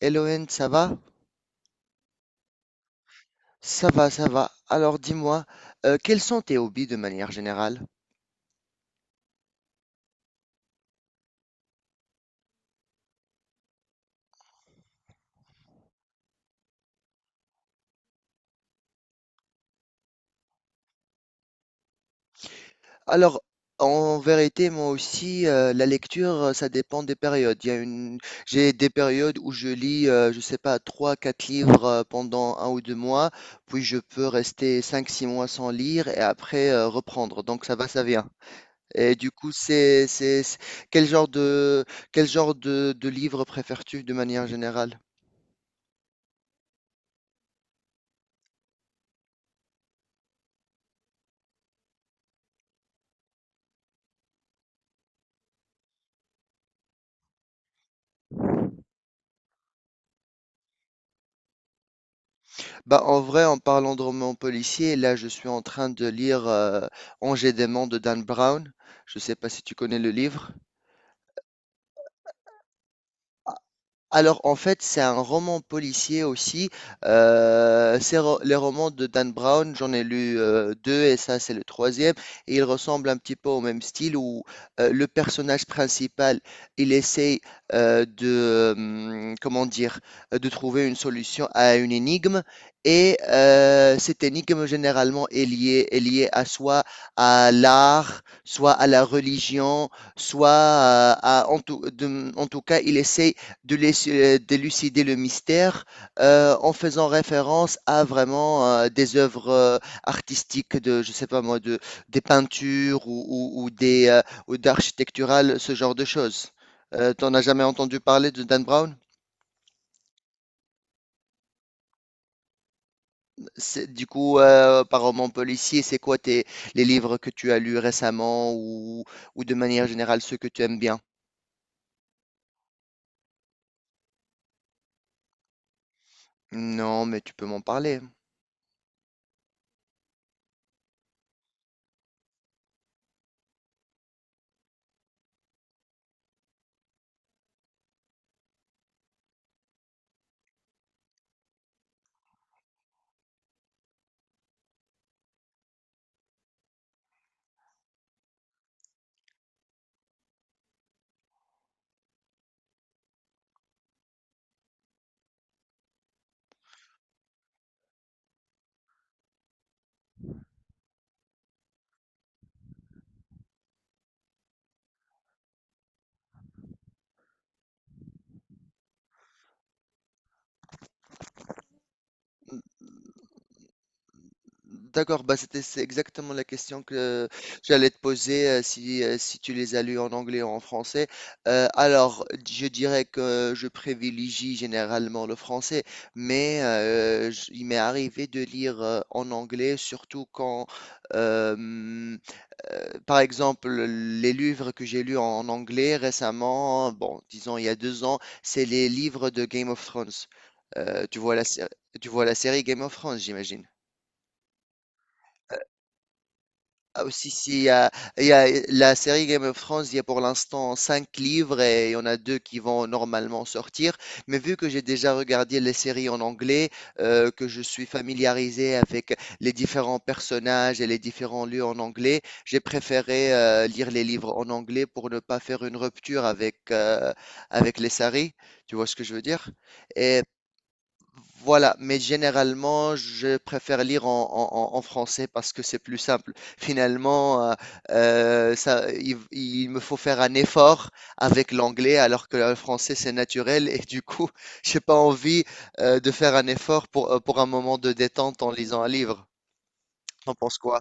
Elohen, ça va? Ça va, ça va. Alors dis-moi, quels sont tes hobbies de manière générale? Alors, en vérité, moi aussi, la lecture, ça dépend des périodes. Il y a une... J'ai des périodes où je lis, je sais pas, 3, 4 livres pendant un ou deux mois, puis je peux rester 5, 6 mois sans lire et après reprendre. Donc ça va, ça vient. Et du coup, quel genre de, quel genre de livre préfères-tu de manière générale? Bah, en vrai, en parlant de romans policiers, là, je suis en train de lire Angers Démon de Dan Brown. Je sais pas si tu connais le livre. Alors, en fait, c'est un roman policier aussi. Les romans de Dan Brown, j'en ai lu deux et ça, c'est le troisième. Et il ressemble un petit peu au même style où le personnage principal, il essaye de, comment dire, de trouver une solution à une énigme. Et cette énigme, généralement, est liée à soit à l'art, soit à la religion, soit en tout cas, il essaye d'élucider le mystère en faisant référence à vraiment des œuvres artistiques de, je sais pas moi, de, des peintures ou des ou d'architecturales, ce genre de choses. T'en as jamais entendu parler de Dan Brown? Du coup, par roman policier, c'est quoi tes, les livres que tu as lus récemment ou de manière générale ceux que tu aimes bien? Non, mais tu peux m'en parler. D'accord, bah c'est exactement la question que j'allais te poser si tu les as lus en anglais ou en français. Alors, je dirais que je privilégie généralement le français, mais il m'est arrivé de lire en anglais, surtout quand, euh, par exemple, les livres que j'ai lus en anglais récemment, bon, disons il y a 2 ans, c'est les livres de Game of Thrones. Euh, tu vois la, sé- tu vois la série Game of Thrones, j'imagine. Ah, aussi, si, il y a la série Game of Thrones, il y a pour l'instant cinq livres et il y en a deux qui vont normalement sortir. Mais vu que j'ai déjà regardé les séries en anglais, que je suis familiarisé avec les différents personnages et les différents lieux en anglais, j'ai préféré lire les livres en anglais pour ne pas faire une rupture avec, avec les séries. Tu vois ce que je veux dire? Et voilà, mais généralement, je préfère lire en français parce que c'est plus simple. Finalement, il me faut faire un effort avec l'anglais alors que le français, c'est naturel et du coup, j'ai pas envie de faire un effort pour un moment de détente en lisant un livre. T'en penses quoi?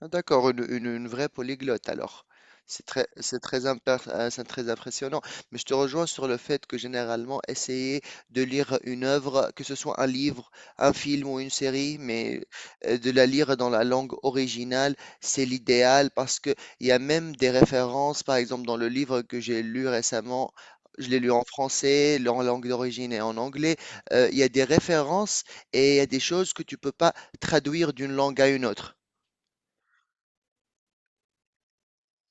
Ah, d'accord, une vraie polyglotte alors. C'est très impressionnant. Mais je te rejoins sur le fait que généralement, essayer de lire une œuvre, que ce soit un livre, un film ou une série, mais de la lire dans la langue originale, c'est l'idéal parce que il y a même des références, par exemple dans le livre que j'ai lu récemment. Je l'ai lu en français, en langue d'origine et en anglais. Il y a des références et il y a des choses que tu peux pas traduire d'une langue à une autre.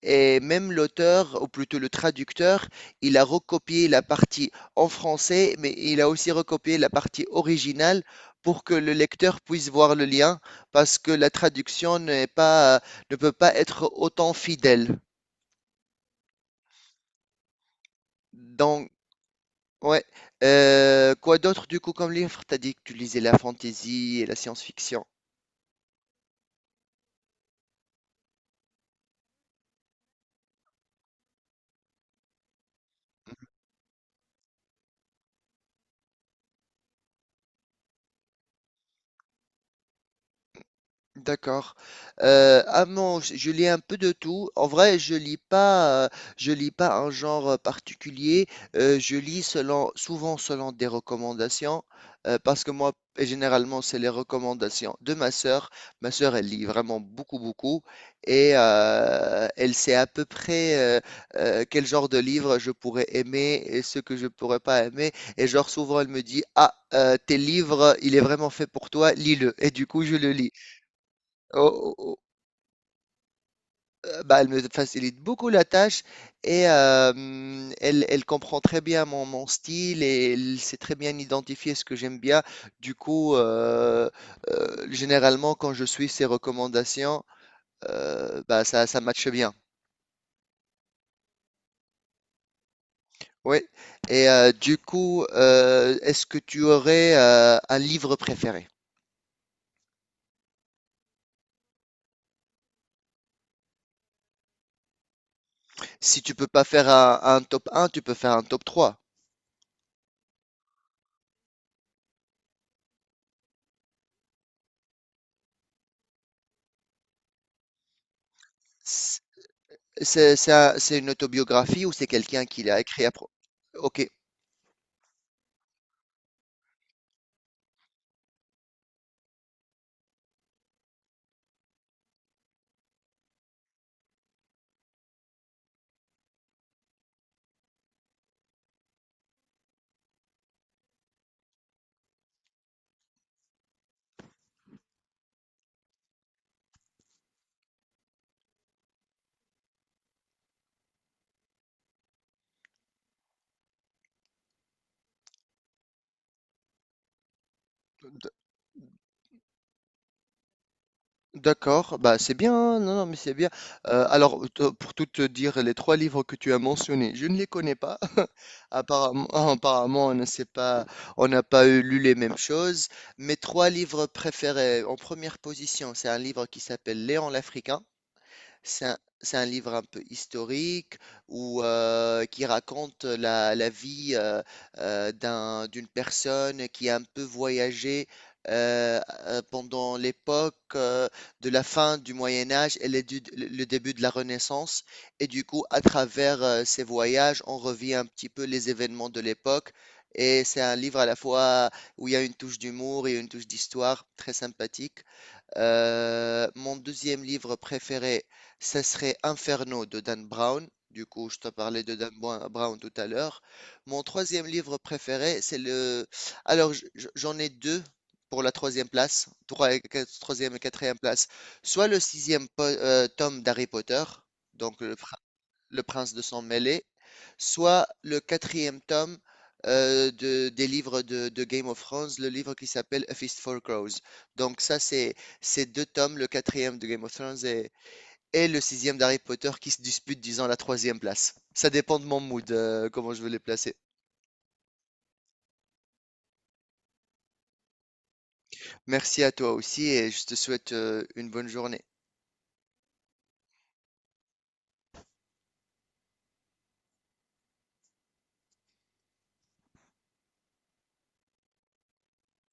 Et même l'auteur, ou plutôt le traducteur, il a recopié la partie en français, mais il a aussi recopié la partie originale pour que le lecteur puisse voir le lien, parce que la traduction n'est pas, ne peut pas être autant fidèle. Donc, ouais. Quoi d'autre du coup comme livre? T'as dit que tu lisais la fantasy et la science-fiction. D'accord. Ah non, je lis un peu de tout. En vrai, je lis pas un genre, particulier. Je lis selon souvent selon des recommandations, parce que et généralement, c'est les recommandations de ma sœur. Ma sœur, elle lit vraiment beaucoup, beaucoup et elle sait à peu près, heu quel genre de livre je pourrais aimer et ce que je pourrais pas aimer et genre souvent elle me dit: «Ah, tel livre, il est vraiment fait pour toi, lis-le» et du coup je le lis. Oh, oh, oh, bah, elle me facilite beaucoup la tâche et elle comprend très bien mon style et elle sait très bien identifier ce que j'aime bien. Du coup, généralement, quand je suis ses recommandations, bah, ça matche bien. Oui. Et du coup, est-ce que tu aurais un livre préféré? Si tu peux pas faire un top un, tu peux faire un top 3. C'est c'est une autobiographie ou c'est quelqu'un qui l'a écrit. Ok, D- D'accord, bah c'est bien, hein. Non, non, mais c'est bien. Alors, pour tout te dire, les trois livres que tu as mentionnés, je ne les connais pas. Apparemment, on ne sait pas, on n'a pas lu les mêmes choses. Mes trois livres préférés, en première position, c'est un livre qui s'appelle Léon l'Africain. C'est un livre un peu historique qui raconte la vie d'une personne qui a un peu voyagé euh, pendant l'époque de la fin du Moyen Âge et le début de la Renaissance. Et du coup, à travers ces voyages, on revit un petit peu les événements de l'époque. Et c'est un livre à la fois où il y a une touche d'humour et une touche d'histoire très sympathique. Mon deuxième livre préféré, ce serait Inferno de Dan Brown. Du coup, je te parlais de Dan Brown tout à l'heure. Mon troisième livre préféré, c'est le... Alors, j'en ai deux pour la troisième place, troisième et quatrième place. Soit le sixième tome d'Harry Potter, donc le Prince de sang mêlé, soit le quatrième tome des livres de Game of Thrones, le livre qui s'appelle A Feast for Crows. Donc ça, c'est ces deux tomes, le quatrième de Game of Thrones et le sixième d'Harry Potter qui se disputent, disons, la troisième place. Ça dépend de mon mood, comment je veux les placer. Merci à toi aussi et je te souhaite une bonne journée.